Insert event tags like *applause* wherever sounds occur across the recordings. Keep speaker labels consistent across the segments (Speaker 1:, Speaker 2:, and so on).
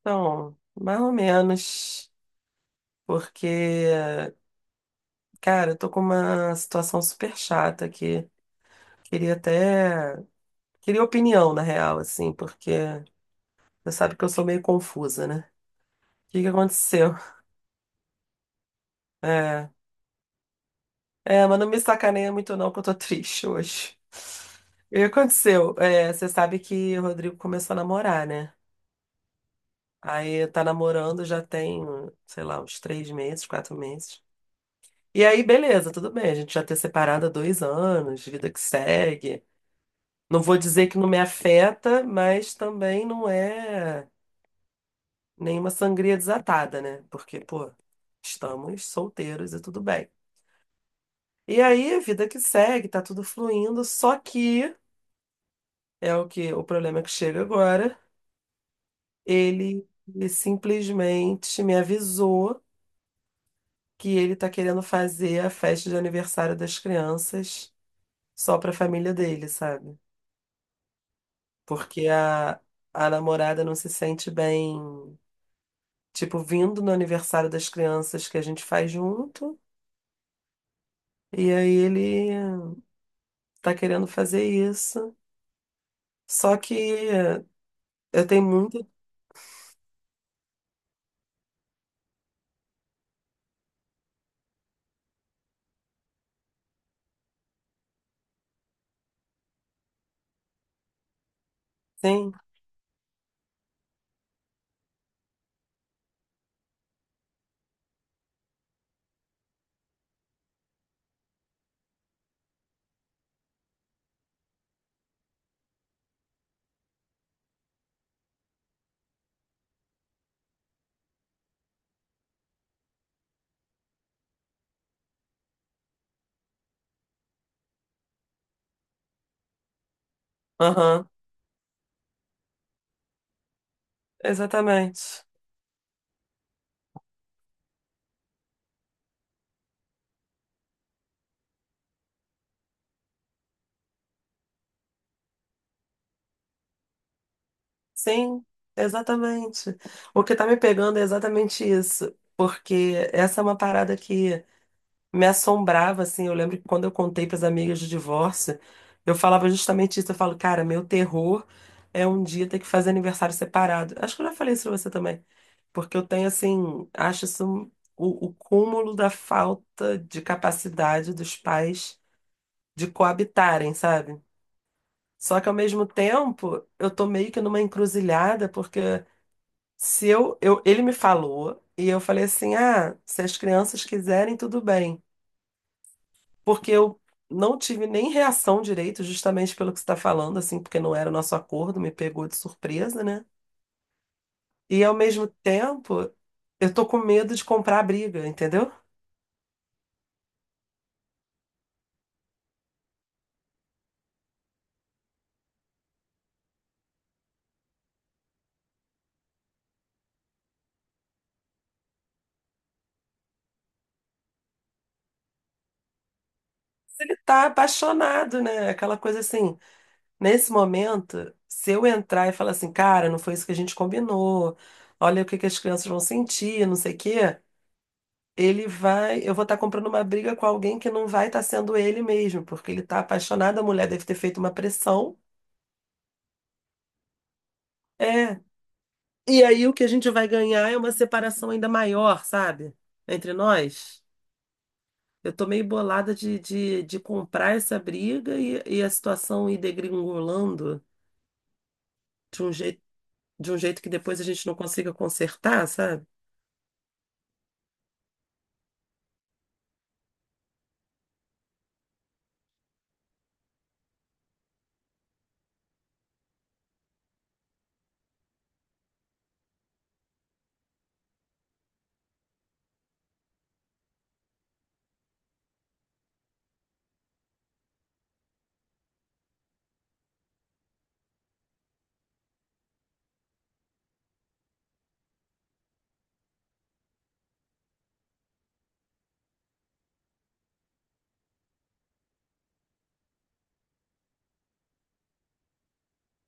Speaker 1: Então, mais ou menos, porque, cara, eu tô com uma situação super chata aqui. Queria até. Queria opinião, na real, assim, porque você sabe que eu sou meio confusa, né? O que que aconteceu? É, é, mas não me sacaneia muito, não, que eu tô *laughs* triste hoje. O que aconteceu? É, você sabe que o Rodrigo começou a namorar, né? Aí tá namorando já tem, sei lá, uns 3 meses, 4 meses. E aí, beleza, tudo bem. A gente já ter separado há 2 anos, vida que segue. Não vou dizer que não me afeta, mas também não é nenhuma sangria desatada, né? Porque, pô, estamos solteiros e tudo bem. E aí, vida que segue, tá tudo fluindo, só que é o que o problema que chega agora. Ele, ele simplesmente me avisou que ele tá querendo fazer a festa de aniversário das crianças só pra família dele, sabe? Porque a namorada não se sente bem, tipo, vindo no aniversário das crianças que a gente faz junto. E aí ele tá querendo fazer isso. Só que eu tenho muito. Sim, aham, exatamente. Sim, exatamente. O que tá me pegando é exatamente isso. Porque essa é uma parada que me assombrava, assim. Eu lembro que quando eu contei para as amigas do divórcio, eu falava justamente isso. Eu falo, cara, meu terror é um dia ter que fazer aniversário separado. Acho que eu já falei isso pra você também, porque eu tenho, assim, acho isso o cúmulo da falta de capacidade dos pais de coabitarem, sabe? Só que ao mesmo tempo, eu tô meio que numa encruzilhada, porque se eu, eu ele me falou e eu falei assim: "Ah, se as crianças quiserem, tudo bem". Porque eu não tive nem reação direito, justamente pelo que você está falando, assim, porque não era o nosso acordo, me pegou de surpresa, né? E ao mesmo tempo, eu tô com medo de comprar a briga, entendeu? Ele tá apaixonado, né? Aquela coisa assim, nesse momento, se eu entrar e falar assim, cara, não foi isso que a gente combinou, olha o que que as crianças vão sentir, não sei o quê. Ele vai. Eu vou estar comprando uma briga com alguém que não vai estar sendo ele mesmo, porque ele está apaixonado, a mulher deve ter feito uma pressão. É. E aí o que a gente vai ganhar é uma separação ainda maior, sabe? Entre nós. Eu tô meio bolada de comprar essa briga e a situação ir degringolando de um jeito, de um jeito que depois a gente não consiga consertar, sabe?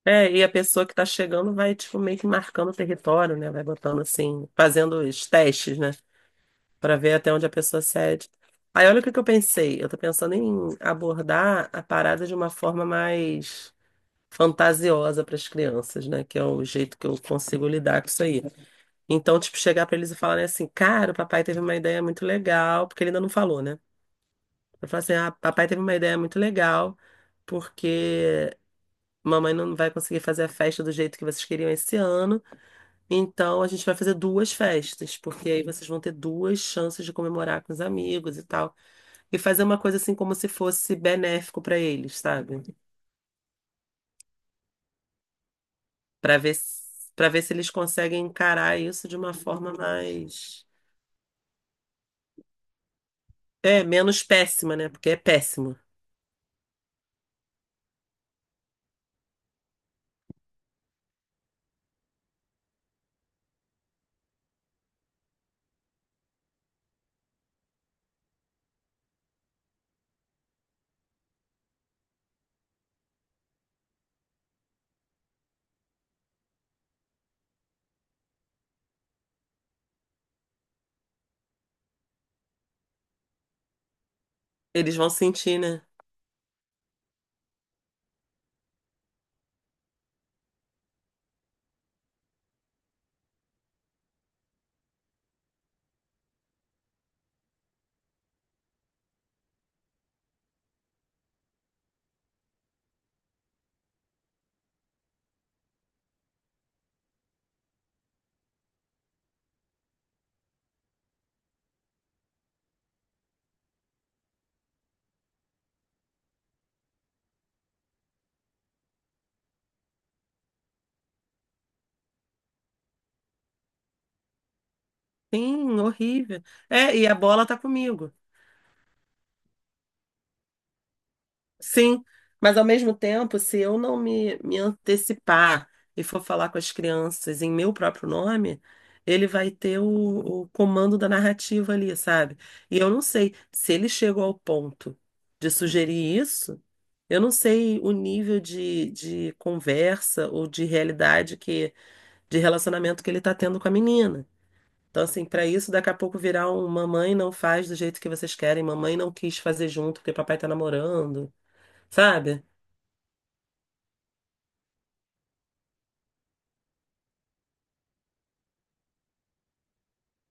Speaker 1: É, e a pessoa que tá chegando vai, tipo, meio que marcando o território, né? Vai botando assim, fazendo os testes, né? Pra ver até onde a pessoa cede. Aí olha o que que eu pensei. Eu tô pensando em abordar a parada de uma forma mais fantasiosa para as crianças, né? Que é o jeito que eu consigo lidar com isso aí. Então, tipo, chegar pra eles e falar assim: "Cara, o papai teve uma ideia muito legal", porque ele ainda não falou, né? Eu falo assim: "Ah, papai teve uma ideia muito legal, porque mamãe não vai conseguir fazer a festa do jeito que vocês queriam esse ano, então a gente vai fazer duas festas, porque aí vocês vão ter duas chances de comemorar com os amigos e tal". E fazer uma coisa assim como se fosse benéfico para eles, sabe? Para ver, para ver se eles conseguem encarar isso de uma forma mais. É, menos péssima, né? Porque é péssimo. Eles vão sentir, né? Sim, horrível. É, e a bola tá comigo. Sim, mas ao mesmo tempo, se eu não me antecipar e for falar com as crianças em meu próprio nome, ele vai ter o comando da narrativa ali, sabe? E eu não sei se ele chegou ao ponto de sugerir isso, eu não sei o nível de conversa ou de realidade que, de relacionamento que ele tá tendo com a menina. Então, assim, para isso, daqui a pouco virar um mamãe não faz do jeito que vocês querem, mamãe não quis fazer junto porque papai tá namorando, sabe?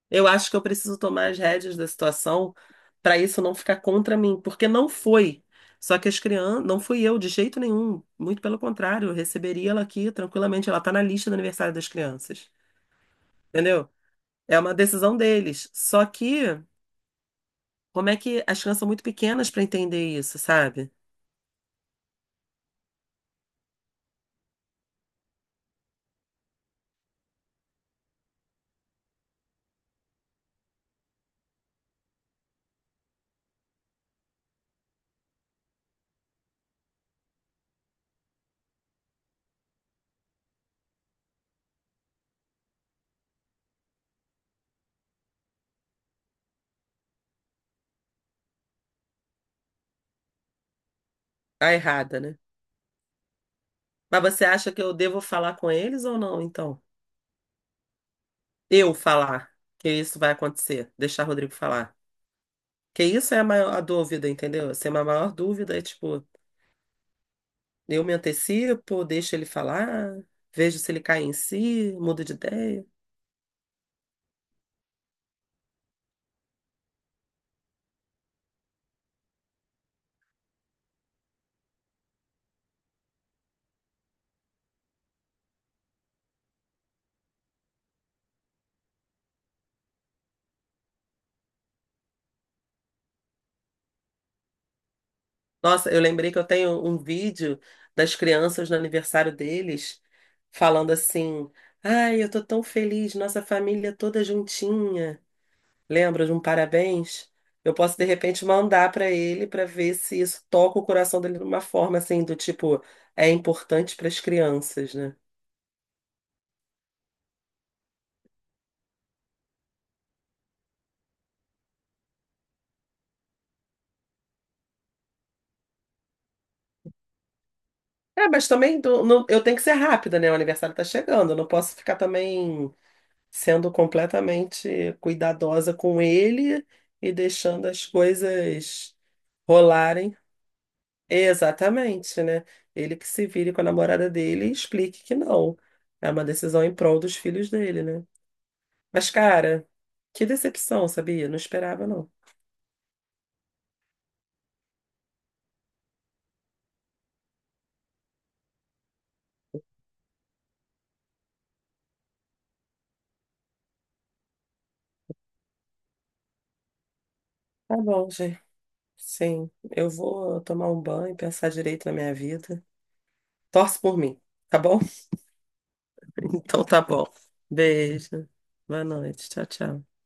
Speaker 1: Eu acho que eu preciso tomar as rédeas da situação para isso não ficar contra mim, porque não foi. Só que as crianças, não fui eu de jeito nenhum, muito pelo contrário, eu receberia ela aqui tranquilamente, ela tá na lista do aniversário das crianças, entendeu? É uma decisão deles. Só que, como é que as crianças são muito pequenas para entender isso, sabe? Tá errada, né? Mas você acha que eu devo falar com eles ou não, então? Eu falar que isso vai acontecer, deixar o Rodrigo falar. Que isso é a maior a dúvida, entendeu? Assim, a maior dúvida é tipo. Eu me antecipo, deixo ele falar, vejo se ele cai em si, mudo de ideia. Nossa, eu lembrei que eu tenho um vídeo das crianças no aniversário deles falando assim: Ai, eu tô tão feliz, nossa família toda juntinha. Lembra de um parabéns? Eu posso de repente mandar pra ele pra ver se isso toca o coração dele de uma forma assim, do tipo, é importante para as crianças, né? É, mas também eu tenho que ser rápida, né? O aniversário tá chegando, eu não posso ficar também sendo completamente cuidadosa com ele e deixando as coisas rolarem. Exatamente, né? Ele que se vire com a namorada dele e explique que não. É uma decisão em prol dos filhos dele, né? Mas, cara, que decepção, sabia? Não esperava, não. Tá bom, gente. Sim, eu vou tomar um banho e pensar direito na minha vida. Torce por mim, tá bom? *laughs* Então tá bom. Beijo. Boa noite. Tchau, tchau.